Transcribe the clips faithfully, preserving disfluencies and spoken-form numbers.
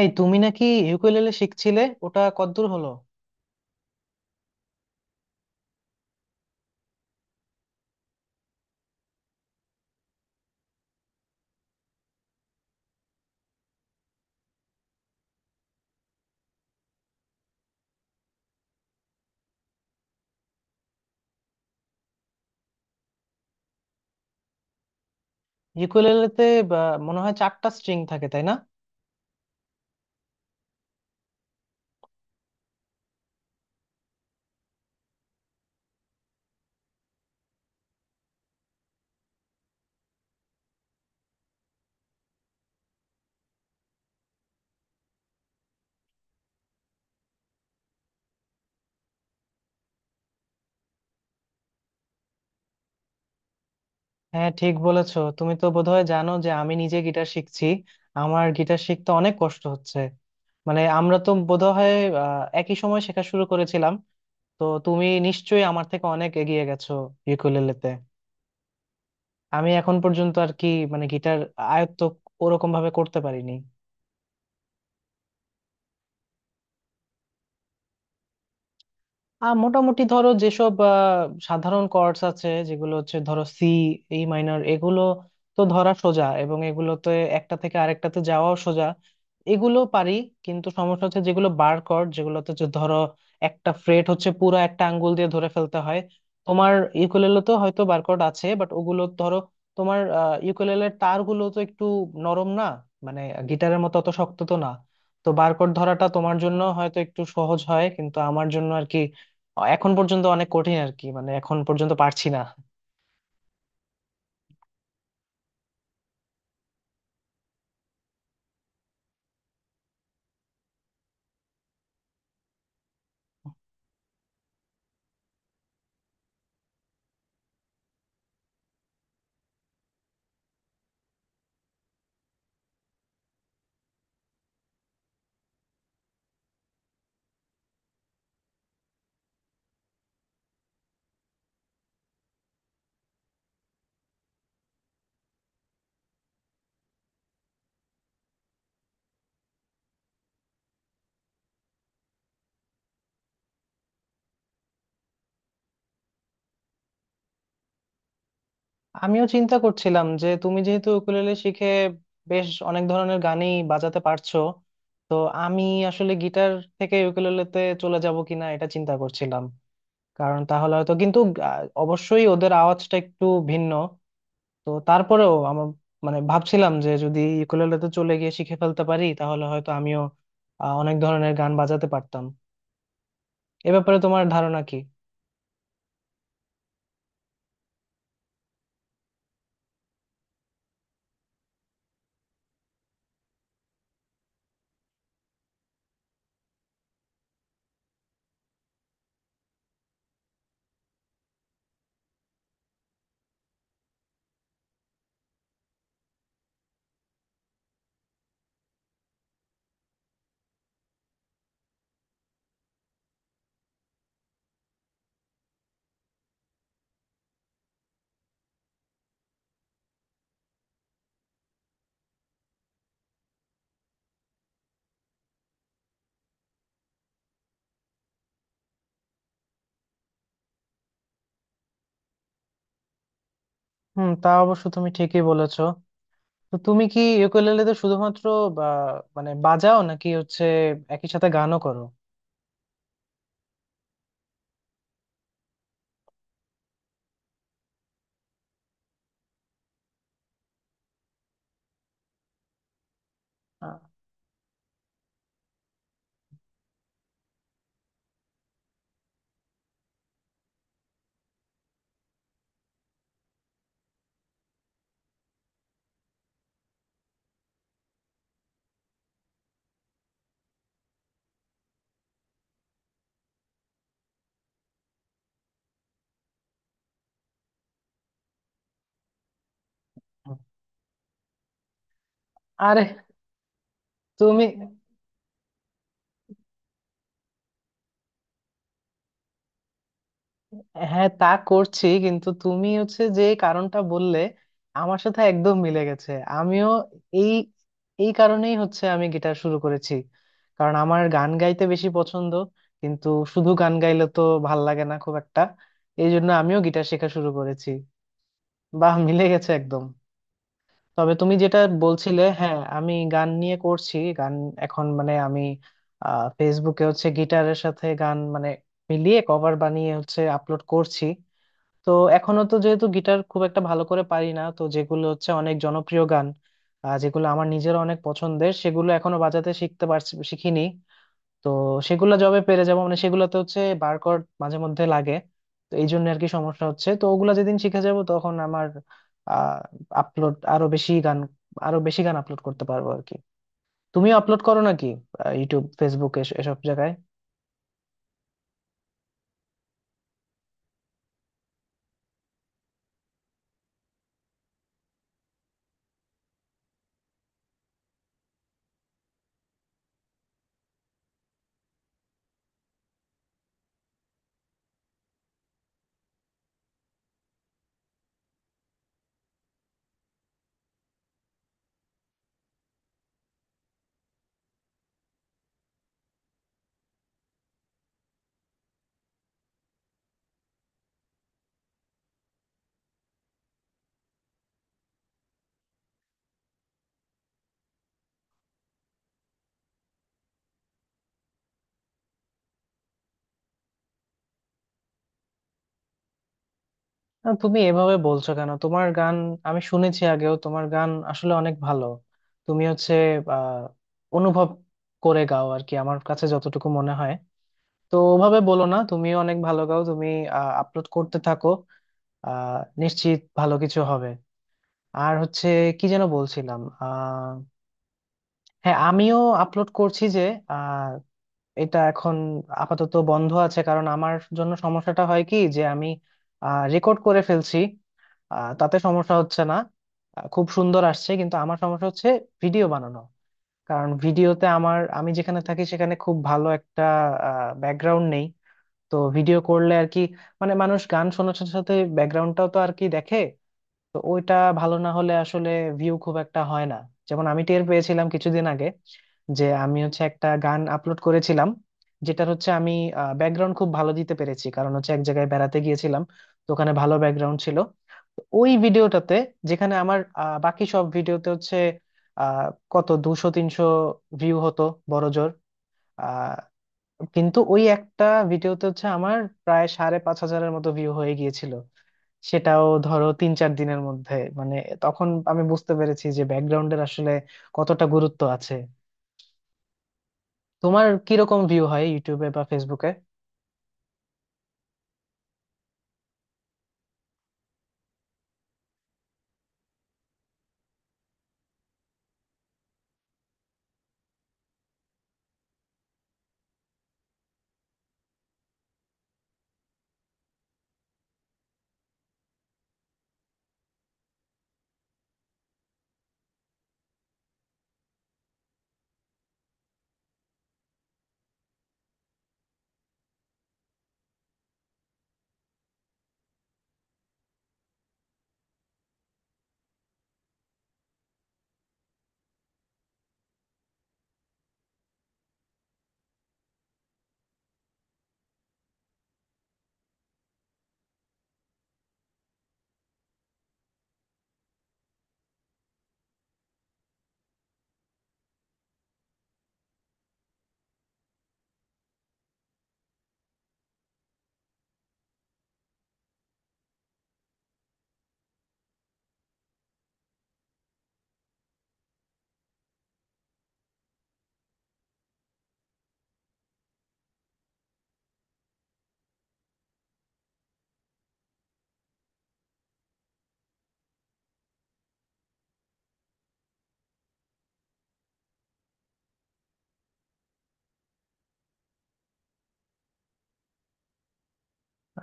এই তুমি নাকি ইউকুলেলে শিখছিলে? ওটা কতদূর হলো? ইউকুলেলেতে, বা, মনে হয় চারটা স্ট্রিং থাকে, তাই না? হ্যাঁ, ঠিক বলেছো। তুমি তো বোধহয় জানো যে আমি নিজে গিটার শিখছি। আমার গিটার শিখতে অনেক কষ্ট হচ্ছে। মানে আমরা তো বোধহয় আহ, একই সময় শেখা শুরু করেছিলাম। তো তুমি নিশ্চয়ই আমার থেকে অনেক এগিয়ে গেছো ইউকুলেলেতে। আমি এখন পর্যন্ত আর কি মানে গিটার আয়ত্ত ওরকম ভাবে করতে পারিনি। আহ মোটামুটি ধরো যেসব আহ, সাধারণ কর্ডস আছে যেগুলো হচ্ছে ধরো সি, ই মাইনর, এগুলো তো ধরা সোজা, এবং এগুলোতে একটা থেকে আরেকটাতে যাওয়াও সোজা। এগুলো পারি। কিন্তু সমস্যা হচ্ছে যেগুলো বার কর্ড, যেগুলোতে হচ্ছে ধরো একটা ফ্রেট হচ্ছে পুরো একটা আঙ্গুল দিয়ে ধরে ফেলতে হয়। তোমার ইউকুলেলে তো হয়তো বার কর্ড আছে, বাট ওগুলো ধরো তোমার ইউকুলেলের তারগুলো তো একটু নরম না? মানে গিটারের মতো অত শক্ত তো না। তো বারকোড ধরাটা তোমার জন্য হয়তো একটু সহজ হয় কিন্তু আমার জন্য এখন পর্যন্ত অনেক কঠিন আর কি। মানে এখন পর্যন্ত পারছি না। আমিও চিন্তা করছিলাম যে তুমি যেহেতু উকুলেলে শিখে বেশ অনেক ধরনের গানই বাজাতে পারছো, তো আমি আসলে গিটার থেকে উকুলেলেতে চলে যাব কিনা এটা চিন্তা করছিলাম। কারণ তাহলে হয়তো কিন্তু আহ, অবশ্যই ওদের আওয়াজটা একটু ভিন্ন। তো তারপরেও আমার মানে ভাবছিলাম যে যদি উকুলেলেতে চলে গিয়ে শিখে ফেলতে পারি তাহলে হয়তো আমিও আহ, অনেক ধরনের গান বাজাতে পারতাম। এ ব্যাপারে তোমার ধারণা কি? হুম, তা অবশ্য তুমি ঠিকই বলেছো। তো তুমি কি ইউকুলেলেতে শুধুমাত্র বা মানে বাজাও নাকি হচ্ছে একই সাথে গানও করো? আ- আরে তুমি! হ্যাঁ তা করছি, কিন্তু তুমি হচ্ছে যে কারণটা বললে আমার সাথে একদম মিলে গেছে। আমিও এই এই কারণেই হচ্ছে আমি গিটার শুরু করেছি। কারণ আমার গান গাইতে বেশি পছন্দ। কিন্তু শুধু গান গাইলে তো ভাল লাগে না খুব একটা। এই জন্য আমিও গিটার শেখা শুরু করেছি। বাহ, মিলে গেছে একদম। তবে তুমি যেটা বলছিলে, হ্যাঁ আমি গান নিয়ে করছি। গান এখন মানে আমি আহ, ফেসবুকে হচ্ছে গিটারের সাথে গান মানে মিলিয়ে কভার বানিয়ে হচ্ছে আপলোড করছি। তো এখনো তো যেহেতু গিটার খুব একটা ভালো করে পারি না, তো যেগুলো হচ্ছে অনেক জনপ্রিয় গান, আহ, যেগুলো আমার নিজের অনেক পছন্দের সেগুলো এখনো বাজাতে শিখতে পারছি শিখিনি। তো সেগুলো জবে পেরে যাবো মানে সেগুলোতে হচ্ছে বারকোড মাঝে মধ্যে লাগে। তো এই জন্য আর কি সমস্যা হচ্ছে, তো ওগুলা যেদিন শিখে যাব তখন আমার আহ আপলোড আরো বেশি গান, আরো বেশি গান আপলোড করতে পারবো আর কি। তুমিও আপলোড করো নাকি, আহ, ইউটিউব, ফেসবুক, এস- এসব জায়গায়? না, তুমি এভাবে বলছো কেন? তোমার গান আমি শুনেছি আগেও, তোমার গান আসলে অনেক ভালো। তুমি হচ্ছে আহ অনুভব করে গাও আর কি, আমার কাছে যতটুকু মনে হয়। তো ওভাবে বলো না, তুমিও অনেক ভালো গাও। তুমি আপলোড করতে থাকো, আহ নিশ্চিত ভালো কিছু হবে। আর হচ্ছে কি যেন বলছিলাম, আহ হ্যাঁ, আমিও আপলোড করছি যে আহ এটা এখন আপাতত বন্ধ আছে। কারণ আমার জন্য সমস্যাটা হয় কি যে আমি রেকর্ড করে ফেলছি, আহ, তাতে সমস্যা হচ্ছে না, আহ, খুব সুন্দর আসছে, কিন্তু আমার সমস্যা হচ্ছে ভিডিও বানানো। কারণ ভিডিওতে আমার, আমি যেখানে থাকি সেখানে খুব ভালো একটা ব্যাকগ্রাউন্ড নেই। তো ভিডিও করলে আর কি মানে মানুষ গান শোনার সাথে সাথে ব্যাকগ্রাউন্ডটাও তো আর কি দেখে। তো ওইটা ভালো না হলে আসলে ভিউ খুব একটা হয় না। যেমন আমি টের পেয়েছিলাম কিছুদিন আগে যে আমি হচ্ছে একটা গান আপলোড করেছিলাম যেটার হচ্ছে আমি ব্যাকগ্রাউন্ড খুব ভালো দিতে পেরেছি, কারণ হচ্ছে এক জায়গায় বেড়াতে গিয়েছিলাম। তো ওখানে ভালো ব্যাকগ্রাউন্ড ছিল। তো ওই ভিডিওটাতে, যেখানে আমার আহ, বাকি সব ভিডিওতে হচ্ছে আহ কত দুশো তিনশো ভিউ হতো বড় জোর, আহ কিন্তু ওই একটা ভিডিওতে হচ্ছে আমার প্রায় সাড়ে পাঁচ হাজারের মতো ভিউ হয়ে গিয়েছিল, সেটাও ধরো তিন চার দিনের মধ্যে। মানে তখন আমি বুঝতে পেরেছি যে ব্যাকগ্রাউন্ডের আসলে কতটা গুরুত্ব আছে। তোমার কিরকম ভিউ হয় ইউটিউবে বা ফেসবুকে?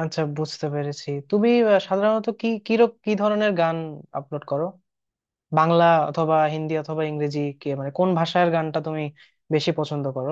আচ্ছা, বুঝতে পেরেছি। তুমি আহ, সাধারণত কি কিরক কি ধরনের গান আপলোড করো? বাংলা অথবা হিন্দি অথবা ইংরেজি, কি মানে কোন ভাষার গানটা তুমি বেশি পছন্দ করো?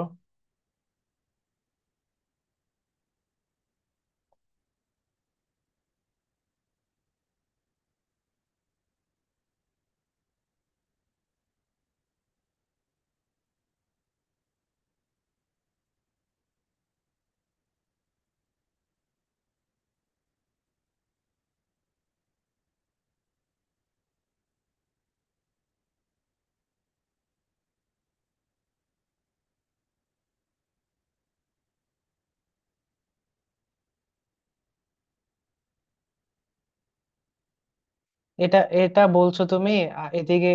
এটা এটা বলছো তুমি আ, এদিকে।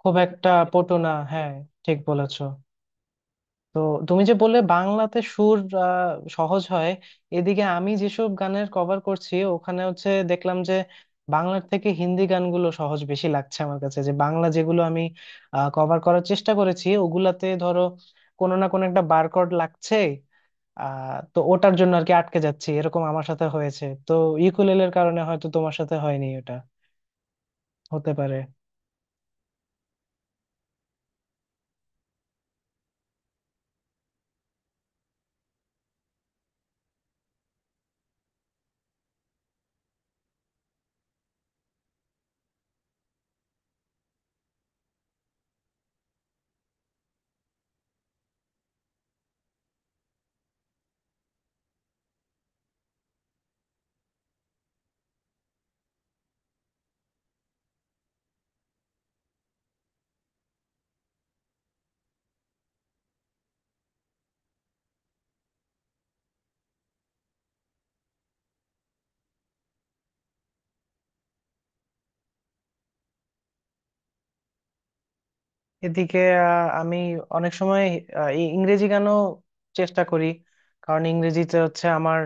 খুব একটা পটু না, হ্যাঁ ঠিক বলেছো। তো তুমি যে বললে বাংলাতে সুর আহ, সহজ হয়, এদিকে আমি যেসব গানের কভার করছি ওখানে হচ্ছে দেখলাম যে বাংলার থেকে হিন্দি গানগুলো সহজ বেশি লাগছে আমার কাছে। যে বাংলা যেগুলো আমি কভার করার চেষ্টা করেছি ওগুলাতে ধরো কোনো না কোনো একটা বারকোড লাগছে। আহ তো ওটার জন্য আর কি আটকে যাচ্ছি, এরকম আমার সাথে হয়েছে তো। ইকুলেলের কারণে হয়তো তোমার সাথে হয়নি এটা, হতে পারে। এদিকে আহ, আমি অনেক সময় আহ, ই- ইংরেজি গানও চেষ্টা করি। কারণ ইংরেজিতে হচ্ছে আমার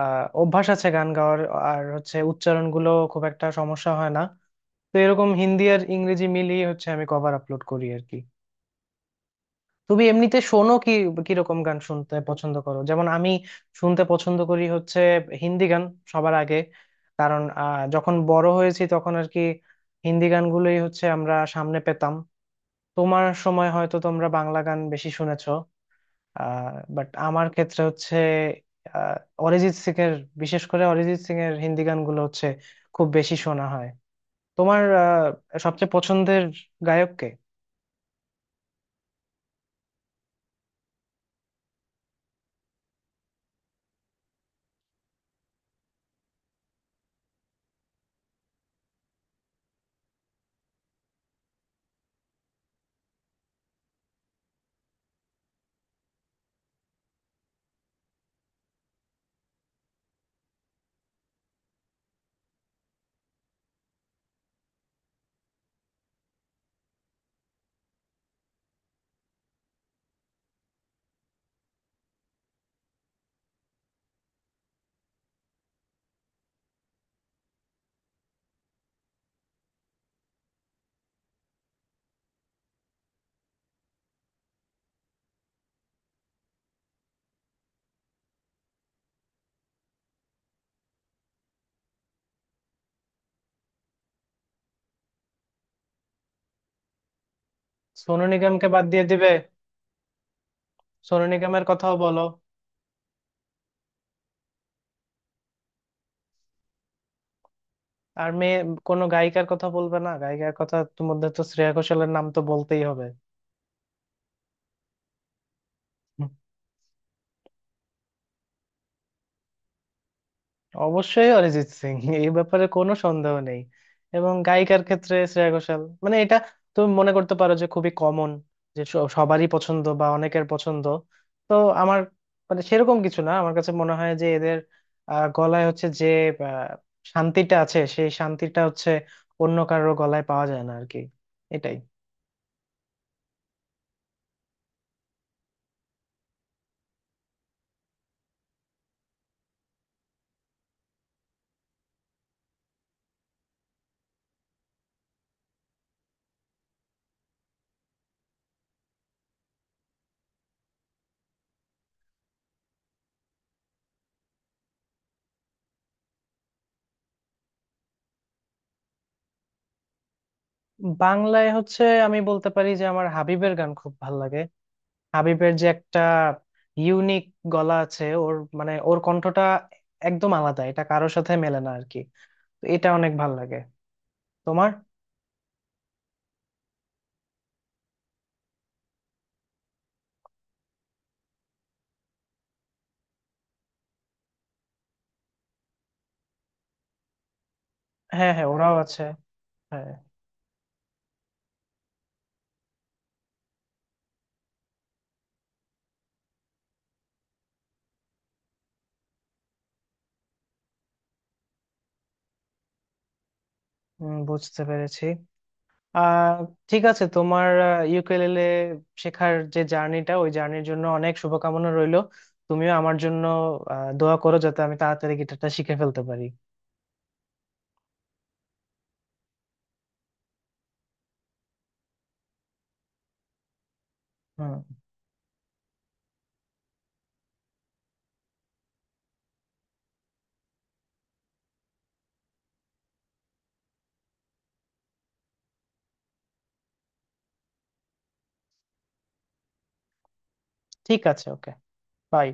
আহ, অভ্যাস আছে গান গাওয়ার। আর হচ্ছে উচ্চারণগুলো খুব একটা সমস্যা হয় না। তো এরকম হিন্দি আর ইংরেজি মিলিয়ে হচ্ছে আমি কভার আপলোড করি আর কি। তুমি এমনিতে শোনো কি, কিরকম গান শুনতে পছন্দ করো? যেমন আমি শুনতে পছন্দ করি হচ্ছে হিন্দি গান সবার আগে। কারণ আহ, যখন বড় হয়েছি তখন আর কি হিন্দি গানগুলোই হচ্ছে আমরা সামনে পেতাম। তোমার সময় হয়তো তোমরা বাংলা গান বেশি শুনেছো। আহ বাট আমার ক্ষেত্রে হচ্ছে আহ, অরিজিৎ সিং এর, বিশেষ করে অরিজিৎ সিং এর হিন্দি গানগুলো হচ্ছে খুব বেশি শোনা হয়। তোমার আহ, সবচেয়ে পছন্দের গায়ক কে? সোনু নিগমকে বাদ দিয়ে দিবে? সোনু নিগমের কথাও বলো। আর মেয়ে, কোনো গায়িকার কথা বলবে না? গায়িকার কথা তো, মধ্যে তো শ্রেয়া ঘোষালের নাম তো বলতেই হবে। অবশ্যই অরিজিৎ সিং, এই ব্যাপারে কোনো সন্দেহ নেই। এবং গায়িকার ক্ষেত্রে শ্রেয়া ঘোষাল। মানে এটা তুমি মনে করতে পারো যে খুবই কমন, যে স- সবারই পছন্দ বা অনেকের পছন্দ। তো আমার মানে সেরকম কিছু না, আমার কাছে মনে হয় যে এদের আহ, গলায় হচ্ছে যে আহ, শান্তিটা আছে, সেই শান্তিটা হচ্ছে অন্য কারো গলায় পাওয়া যায় না আর কি। এটাই। বাংলায় হচ্ছে আমি বলতে পারি যে আমার হাবিবের গান খুব ভালো লাগে। হাবিবের যে একটা ইউনিক গলা আছে ওর, মানে ওর কণ্ঠটা একদম আলাদা, এটা কারোর সাথে মেলে না আর কি। তো এটা অনেক ভাল লাগে। তোমার? হ্যাঁ হ্যাঁ, ওরাও আছে। হ্যাঁ। উম, বুঝতে পেরেছি। আহ ঠিক আছে। তোমার ইউকেলেলে শেখার যে জার্নিটা, ওই জার্নির জন্য অনেক শুভকামনা রইলো। তুমিও আমার জন্য আহ, দোয়া করো যাতে আমি তাড়াতাড়ি গিটারটা শিখে ফেলতে পারি। হুম, ঠিক আছে, ওকে, বাই।